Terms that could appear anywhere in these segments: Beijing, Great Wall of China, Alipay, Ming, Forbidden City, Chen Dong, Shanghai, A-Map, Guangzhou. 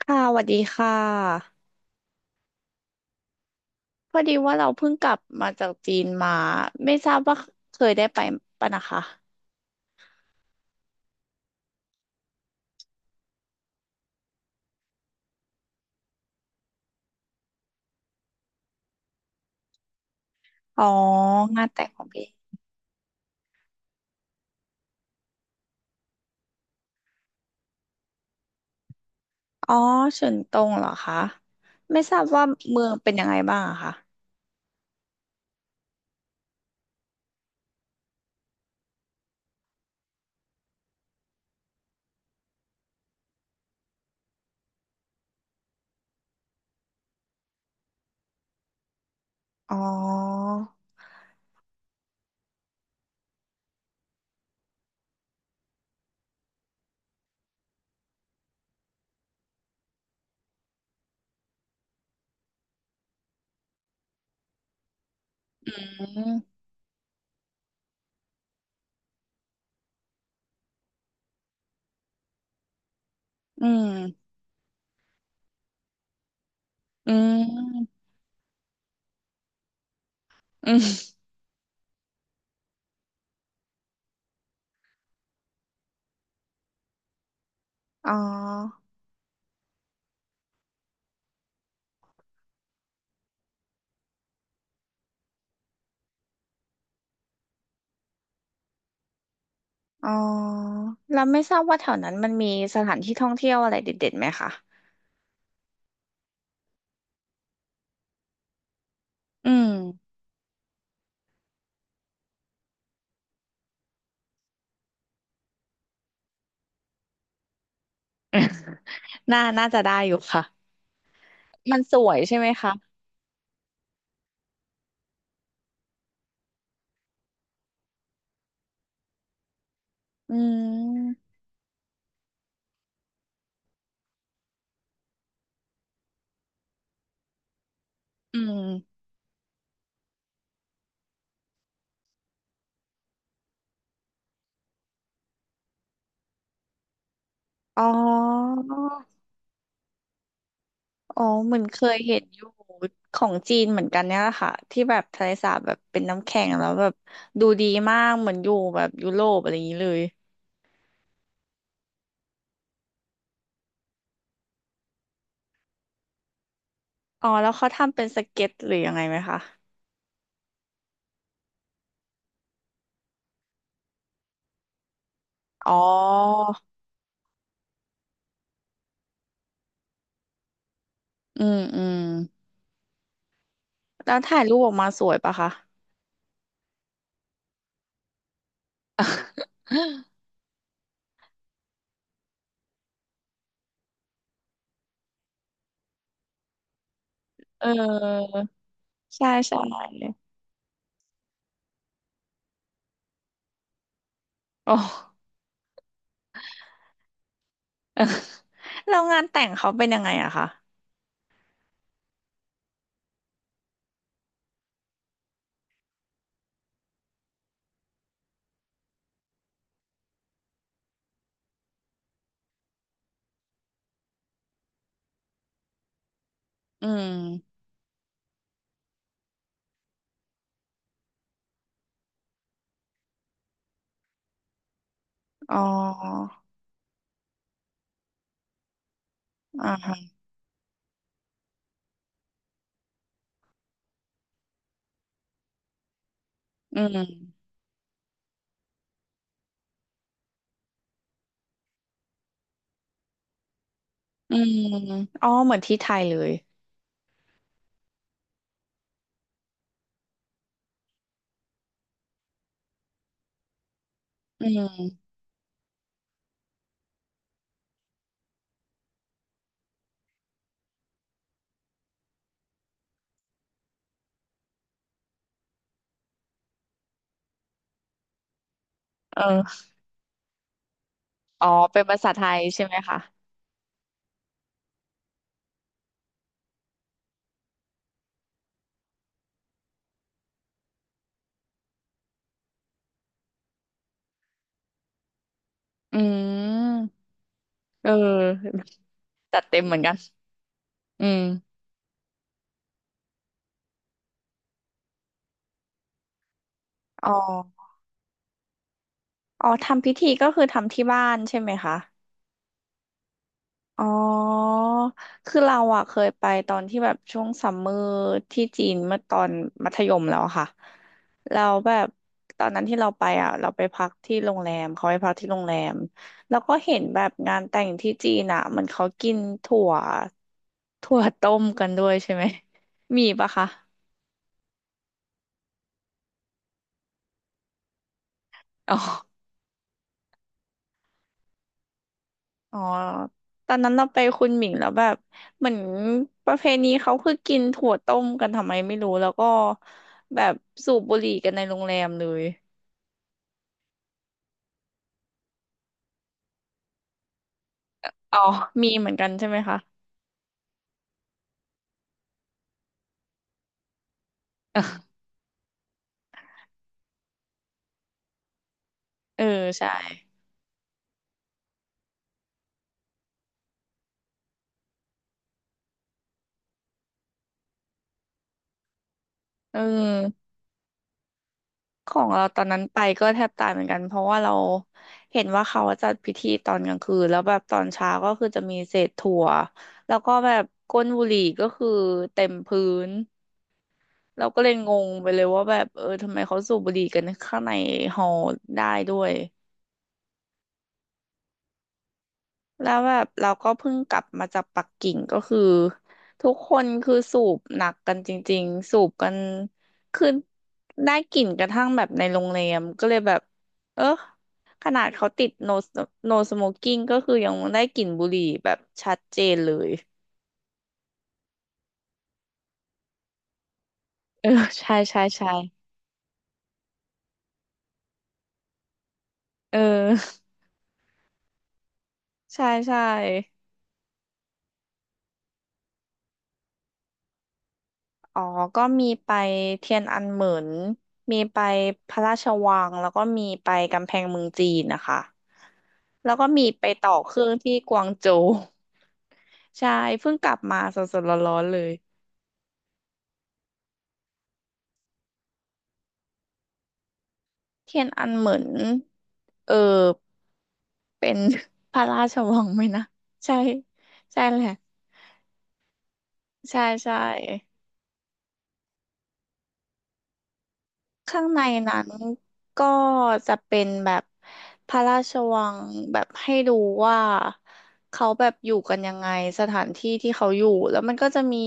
ค่ะสวัสดีค่ะพอดีว่าเราเพิ่งกลับมาจากจีนมา ไม่ทราบว่าเคยได้ไปปะนะคะอ๋องานแต่งของพี่อ๋อเฉินตงเหรอคะไม่ทราบว่าเมืองเป็นยังไงบ้างอะคะอ๋ออืมอืมอืมอืมอ๋ออ๋อแล้วไม่ทราบว่าแถวนั้นมันมีสถานที่ท่องเที่ยวอะไรเด็ดๆไหมคะอืม น่าจะได้อยู่ค่ะมันสวยใช่ไหมคะอืม อืมอ๋ออ๋อเหมือนเคยเห็นอยู่ของจีนเหมือนกันเนี่ยแหละค่ะที่แบบทะเลสาบแบบเป็นน้ำแข็งแล้วแบบดูดีมากเหมือนอยู่แบบยุโรปอะไรอย่างนี้เลยอ๋อแล้วเขาทำเป็นสเก็ตหรือยังไงไหมคะอ๋ออืมอืมแล้วถ่ายรูปออกมาสวยปะคะ เออใช่ใช่โอ้ แล้วงานแต่งเขาเป็นยังไงอะคะอืมอ๋ออ่าฮะอืม อืมอ๋อเหมือนที่ไทยเลยอืมเอออ๋อเป็นภาษาไทยใช่ไหมคะอืมเออจัดเต็มเหมือนกันอืมอ๋ออ๋อทำพิธีก็คือทำที่บ้านใช่ไหมคะอ๋อคือเราอะเคยไปตอนที่แบบช่วงซัมเมอร์ที่จีนเมื่อตอนมัธยมแล้วอะค่ะเราแบบตอนนั้นที่เราไปอะเราไปพักที่โรงแรมเขาไปพักที่โรงแรมแล้วก็เห็นแบบงานแต่งที่จีนอะเหมันเขากินถั่ว ถั่วต้มกันด้วยใช่ไหมมีปะคะอ๋ออ๋อตอนนั้นเราไปคุณหมิงแล้วแบบเหมือนประเพณีเขาคือกินถั่วต้มกันทำไมไม่รู้แล้วก็แบบสูบบุหรี่กันในโรงแรมเลยอ๋อมีเหมือนกันใช่ไหมคะ เออใช่เออของเราตอนนั้นไปก็แทบตายเหมือนกันเพราะว่าเราเห็นว่าเขาจัดพิธีตอนกลางคืนแล้วแบบตอนเช้าก็คือจะมีเศษถั่วแล้วก็แบบก้นบุหรี่ก็คือเต็มพื้น เราก็เลยงงไปเลยว่าแบบเออทำไมเขาสูบบุหรี่กันข้างในฮอได้ด้วยแล้วแบบเราก็เพิ่งกลับมาจากปักกิ่งก็คือทุกคนคือสูบหนักกันจริงๆสูบกันคือได้กลิ่นกระทั่งแบบในโรงแรมก็เลยแบบเออขนาดเขาติด no smoking ก็คือยังได้กลิ่นบุหรี่แบบชัดเจนเลยเออใช่ใช่ใช่เออ ใช่ใช่ อ๋อก็มีไปเทียนอันเหมินมีไปพระราชวังแล้วก็มีไปกำแพงเมืองจีนนะคะแล้วก็มีไปต่อเครื่องที่กวางโจว ใช่เพิ่งกลับมาสดๆร้อนๆเลยเทียนอันเหมินเออเป็น พระราชวังไหมนะใช่ใช่แหละใช่ใช่ ข้างในนั้นก็จะเป็นแบบพระราชวังแบบให้ดูว่าเขาแบบอยู่กันยังไงสถานที่ที่เขาอยู่แล้วมันก็จะมี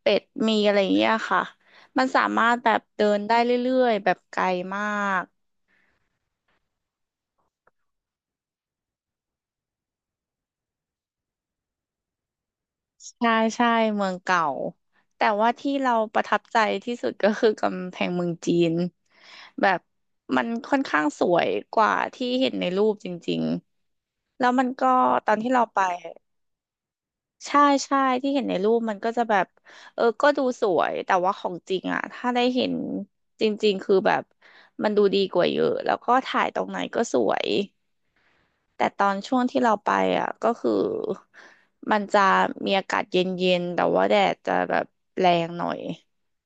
เป็ดมีอะไรอย่างเงี้ยค่ะมันสามารถแบบเดินได้เรื่อยๆแบบไกลมากใช่ใช่เมืองเก่าแต่ว่าที่เราประทับใจที่สุดก็คือกำแพงเมืองจีนแบบมันค่อนข้างสวยกว่าที่เห็นในรูปจริงๆแล้วมันก็ตอนที่เราไป ใช่ใช่ที่เห็นในรูปมันก็จะแบบเออก็ดูสวยแต่ว่าของจริงอ่ะถ้าได้เห็นจริงๆคือแบบมันดูดีกว่าเยอะแล้วก็ถ่ายตรงไหนก็สวยแต่ตอนช่วงที่เราไปอ่ะก็คือมันจะมีอากาศเย็นๆแต่ว่าแดดจะแบบแรงหน่อย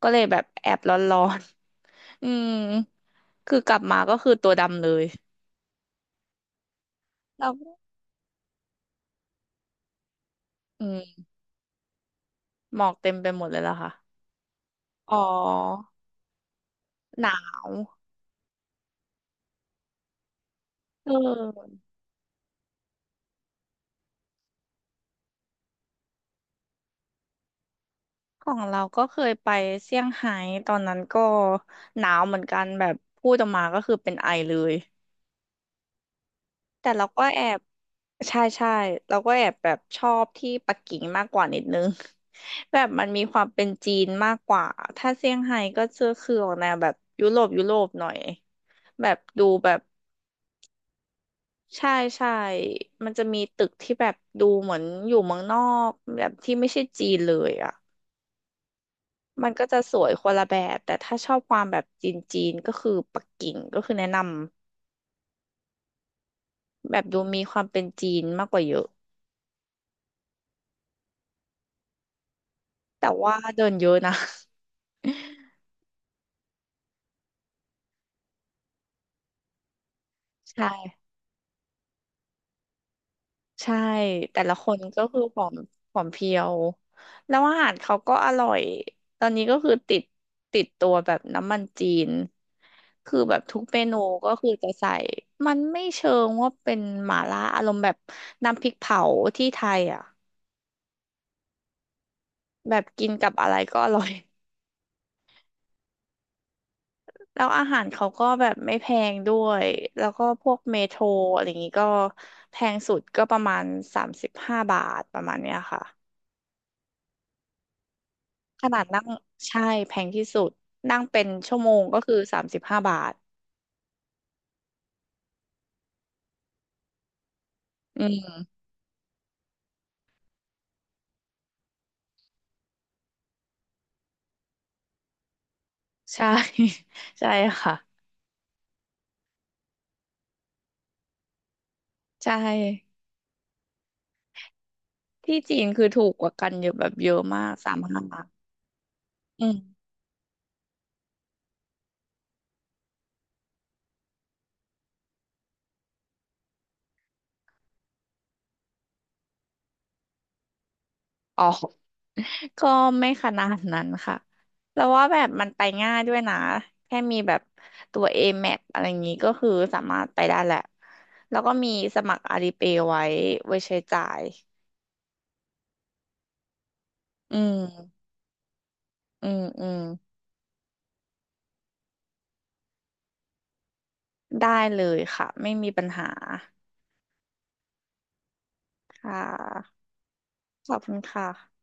ก็เลยแบบแอบร้อนๆ อืมคือกลับมาก็คือตัวดำเลยแล้วอืมหมอกเต็มไปหมดเลยล่ะค่ะอ๋อหนาวเออ ของเราก็เคยไปเซี่ยงไฮ้ตอนนั้นก็หนาวเหมือนกันแบบพูดออกมาก็คือเป็นไอเลยแต่เราก็แอบใช่ใช่เราก็แอบแบบชอบที่ปักกิ่งมากกว่านิดนึง แบบมันมีความเป็นจีนมากกว่าถ้าเซี่ยงไฮ้ก็จะคือออกแนวแบบยุโรปยุโรปหน่อยแบบดูแบบใช่ใช่มันจะมีตึกที่แบบดูเหมือนอยู่เมืองนอกแบบที่ไม่ใช่จีนเลยอ่ะ มันก็จะสวยคนละแบบแต่ถ้าชอบความแบบจีนจีนก็คือปักกิ่งก็คือแนะนำแบบดูมีความเป็นจีนมากกว่าเยอะแต่ว่าเดินเยอะนะ ใช่ใช่แต่ละคนก็คือผอมผอมเพรียวแล้วอาหารเขาก็อร่อยตอนนี้ก็คือติดตัวแบบน้ำมันจีนคือแบบทุกเมนูก็คือจะใส่มันไม่เชิงว่าเป็นหม่าล่าอารมณ์แบบน้ำพริกเผาที่ไทยอ่ะแบบกินกับอะไรก็อร่อย แล้วอาหารเขาก็แบบไม่แพงด้วย แล้วก็พวกเมโทรอะไรอย่างงี้ก็แพงสุดก็ประมาณสามสิบห้าบาทประมาณเนี้ยค่ะขนาดนั่งใช่แพงที่สุดนั่งเป็นชั่วโมงก็คือสามสิบห้าบาทอืมใช่ ใช่ค่ะใช่ที่จีนคือถูกกว่ากันเยอะแบบเยอะมาก3-5 บาทอืม อ๋อ ก็ไม่ขนาดนั้นค่ะแล้วว่าแบบมันไปง่ายด้วยนะแค่มีแบบตัว A-Map อแมพอะไรอย่างนี้ก็คือสามารถไปได้แหละแล้วก็มีสมัครอาลีเปย์ไว้ใช้จ่ายอืมอืมอืมได้เลยค่ะไม่มีปัญหาค่ะขอบคุณค่ะ